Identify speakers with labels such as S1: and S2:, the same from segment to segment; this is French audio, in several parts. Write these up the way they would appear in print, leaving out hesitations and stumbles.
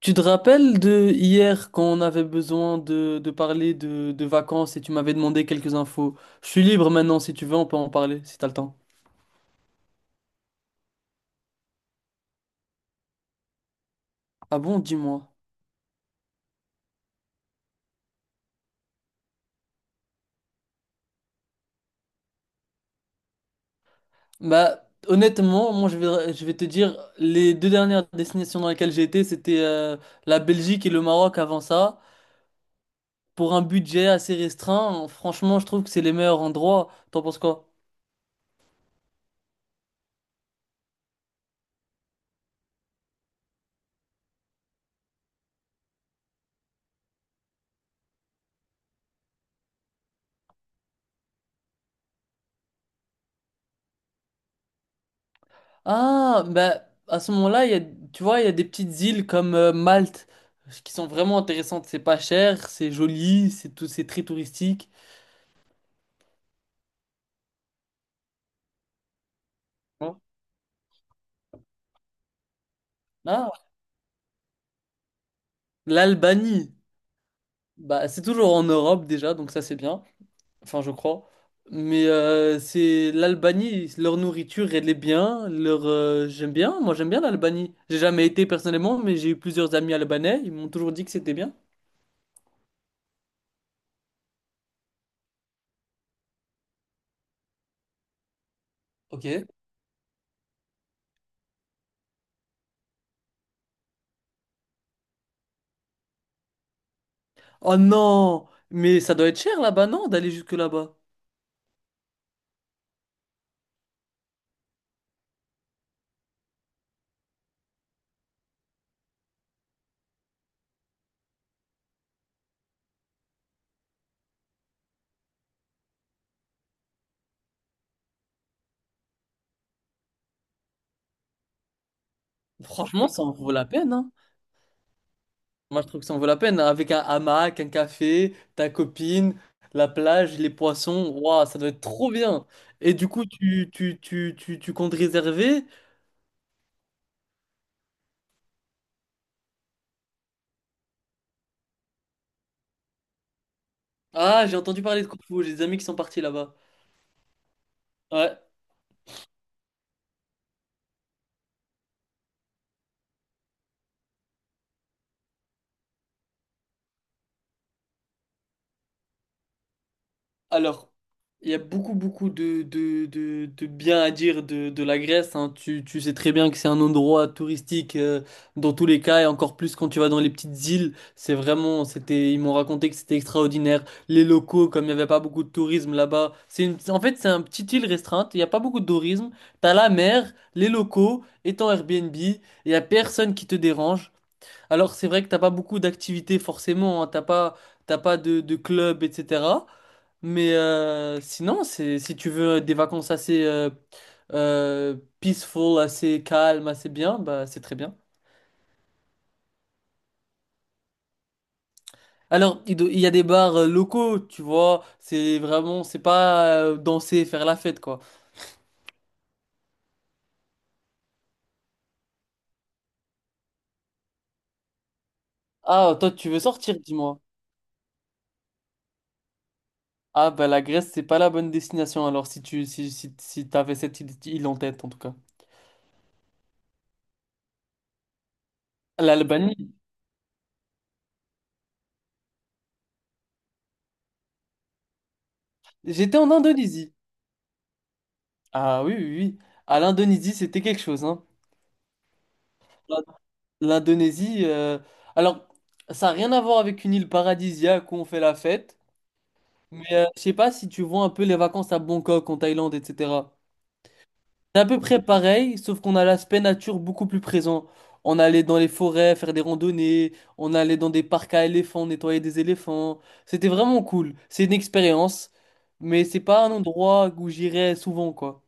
S1: Tu te rappelles de hier quand on avait besoin de parler de vacances et tu m'avais demandé quelques infos? Je suis libre maintenant, si tu veux, on peut en parler, si t'as le temps. Ah bon, dis-moi. Bah, honnêtement, moi je vais te dire, les deux dernières destinations dans lesquelles j'ai été, c'était la Belgique et le Maroc avant ça. Pour un budget assez restreint, franchement, je trouve que c'est les meilleurs endroits. T'en penses quoi? Ah, bah, à ce moment-là, tu vois, il y a des petites îles comme Malte qui sont vraiment intéressantes. C'est pas cher, c'est joli, c'est tout, c'est très touristique. Hein. Ah, l'Albanie. Bah, c'est toujours en Europe déjà, donc ça c'est bien. Enfin, je crois. Mais c'est l'Albanie, leur nourriture, elle est bien. Moi j'aime bien l'Albanie. J'ai jamais été personnellement, mais j'ai eu plusieurs amis albanais. Ils m'ont toujours dit que c'était bien. Ok. Oh non, mais ça doit être cher là-bas, non, d'aller jusque là-bas. Franchement, ça en vaut la peine, hein. Moi, je trouve que ça en vaut la peine, hein. Avec un hamac, un café, ta copine, la plage, les poissons, waouh, ça doit être trop bien. Et du coup, tu comptes réserver? Ah, j'ai entendu parler de Corfou, j'ai des amis qui sont partis là-bas. Ouais. Alors, il y a beaucoup, beaucoup de bien à dire de la Grèce, hein. Tu sais très bien que c'est un endroit touristique dans tous les cas, et encore plus quand tu vas dans les petites îles. Ils m'ont raconté que c'était extraordinaire. Les locaux, comme il n'y avait pas beaucoup de tourisme là-bas, en fait, c'est un petit île restreinte. Il n'y a pas beaucoup de tourisme. T'as la mer, les locaux, et ton Airbnb. Il n'y a personne qui te dérange. Alors, c'est vrai que t'as pas beaucoup d'activités forcément, hein. T'as pas de club, etc. Mais sinon, c'est si tu veux des vacances assez peaceful, assez calmes, assez bien, bah c'est très bien. Alors, il y a des bars locaux, tu vois, c'est vraiment, c'est pas danser, faire la fête, quoi. Ah, toi, tu veux sortir, dis-moi. Ah, bah la Grèce, c'est pas la bonne destination, alors si tu si t'avais cette île en tête, en tout cas. L'Albanie. J'étais en Indonésie. Ah oui, oui, oui. À l'Indonésie, c'était quelque chose, hein. L'Indonésie, alors, ça n'a rien à voir avec une île paradisiaque où on fait la fête, mais je sais pas si tu vois un peu les vacances à Bangkok, en Thaïlande, etc. C'est à peu près pareil, sauf qu'on a l'aspect nature beaucoup plus présent. On allait dans les forêts faire des randonnées, on allait dans des parcs à éléphants nettoyer des éléphants. C'était vraiment cool. C'est une expérience, mais c'est pas un endroit où j'irais souvent, quoi.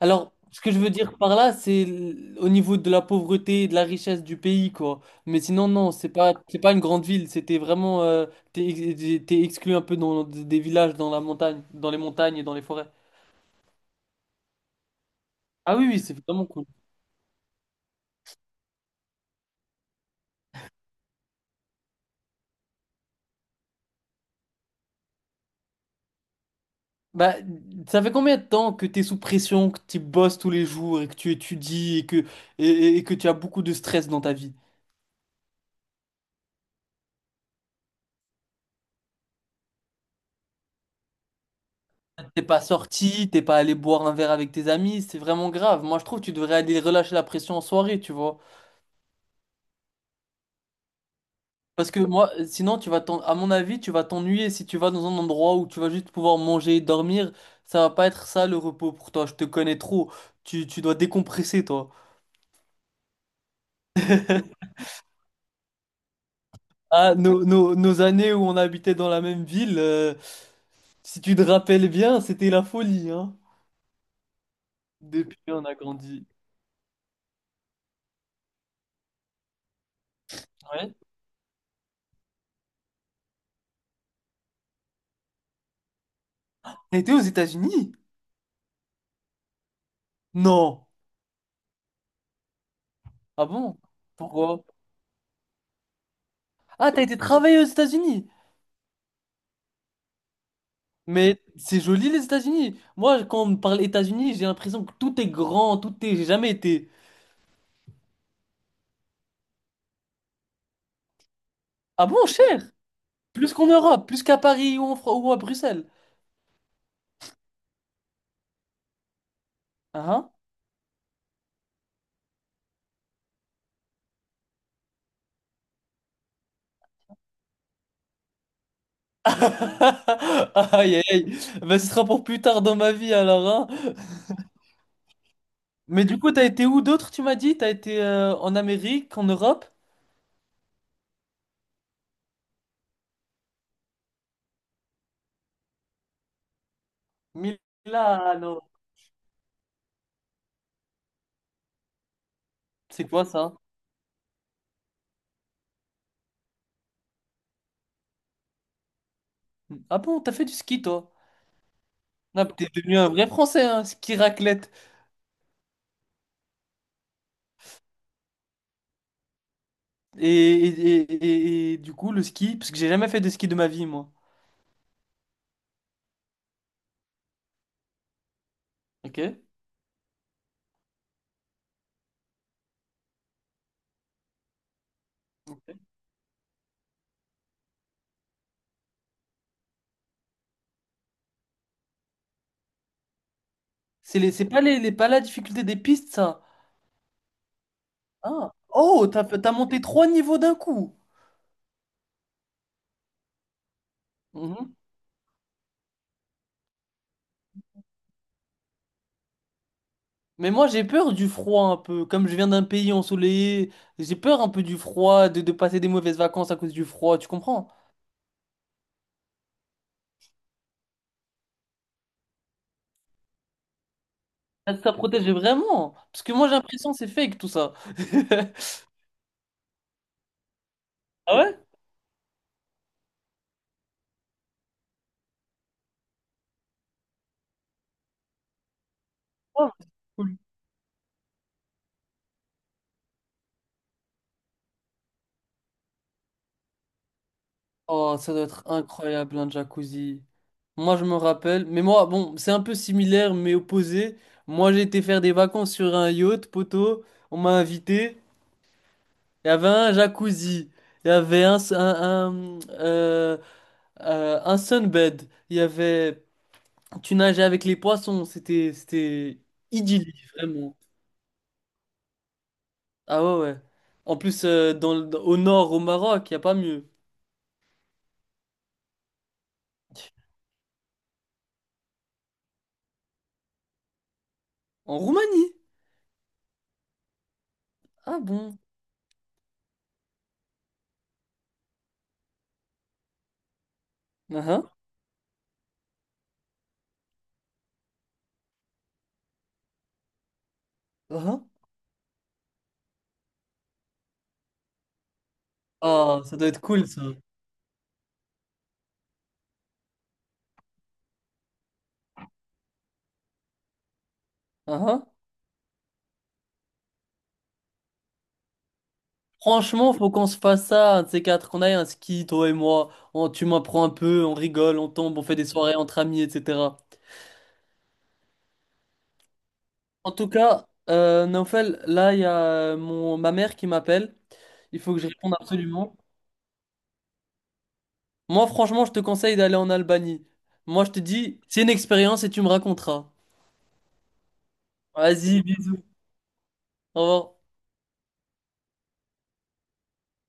S1: Alors, ce que je veux dire par là, au niveau de la pauvreté et de la richesse du pays, quoi. Mais sinon, non, c'est pas une grande ville. C'était vraiment, t'es exclu un peu dans des villages, dans la montagne, dans les montagnes et dans les forêts. Ah oui, oui, c'est vraiment cool. Bah, ça fait combien de temps que t'es sous pression, que tu bosses tous les jours et que tu étudies et que tu as beaucoup de stress dans ta vie? T'es pas sorti, t'es pas allé boire un verre avec tes amis, c'est vraiment grave. Moi, je trouve que tu devrais aller relâcher la pression en soirée, tu vois. Parce que moi, sinon, à mon avis, tu vas t'ennuyer si tu vas dans un endroit où tu vas juste pouvoir manger et dormir. Ça va pas être ça le repos pour toi. Je te connais trop. Tu dois décompresser, toi. Ah, nos années où on habitait dans la même ville, si tu te rappelles bien, c'était la folie, hein. Depuis, on a grandi. Ouais. T'as été aux États-Unis? Non. Ah bon? Pourquoi? Ah, t'as été travailler aux États-Unis? Mais c'est joli les États-Unis. Moi, quand on me parle États-Unis, j'ai l'impression que tout est grand, tout est. J'ai jamais été. Ah bon, cher? Plus qu'en Europe, plus qu'à Paris ou à Bruxelles. Ah, hein. Aïe, aïe, aïe. Ben, ce sera pour plus tard dans ma vie alors, hein. Mais du coup, t'as été où d'autre, tu m'as dit? T'as été en Amérique, en Europe? Milano. C'est quoi ça? Ah bon, t'as fait du ski, toi? Ah, t'es devenu un vrai Français, hein, ski raclette. Et, et, et, et du coup, le ski, parce que j'ai jamais fait de ski de ma vie, moi. Ok. C'est pas pas la difficulté des pistes, ça. Ah. Oh, t'as monté trois niveaux d'un coup. Mhm. Mais moi, j'ai peur du froid un peu. Comme je viens d'un pays ensoleillé, j'ai peur un peu du froid, de passer des mauvaises vacances à cause du froid, tu comprends? Ça protège vraiment. Parce que moi, j'ai l'impression que c'est fake tout ça. Ah ouais? Oh, cool. Oh, ça doit être incroyable un jacuzzi. Moi, je me rappelle, mais moi, bon, c'est un peu similaire mais opposé. Moi, j'ai été faire des vacances sur un yacht, poteau. On m'a invité. Il y avait un jacuzzi. Il y avait un, s- un, euh, un sunbed. Il y avait. Tu nageais avec les poissons. C'était idyllique, vraiment. Ah ouais, ouais. En plus, au nord, au Maroc, il n'y a pas mieux. En Roumanie. Ah bon? Ah ah. Ah. Oh, ça doit être cool ça. Franchement, Franchement, faut qu'on se fasse ça, un de ces quatre, qu'on aille à un ski, toi et moi. Tu m'apprends un peu, on rigole, on tombe, on fait des soirées entre amis, etc. En tout cas, Naufel, là, il y a ma mère qui m'appelle. Il faut que je réponde absolument. Moi, franchement, je te conseille d'aller en Albanie. Moi, je te dis, c'est une expérience et tu me raconteras. Vas-y, bisous. Au revoir.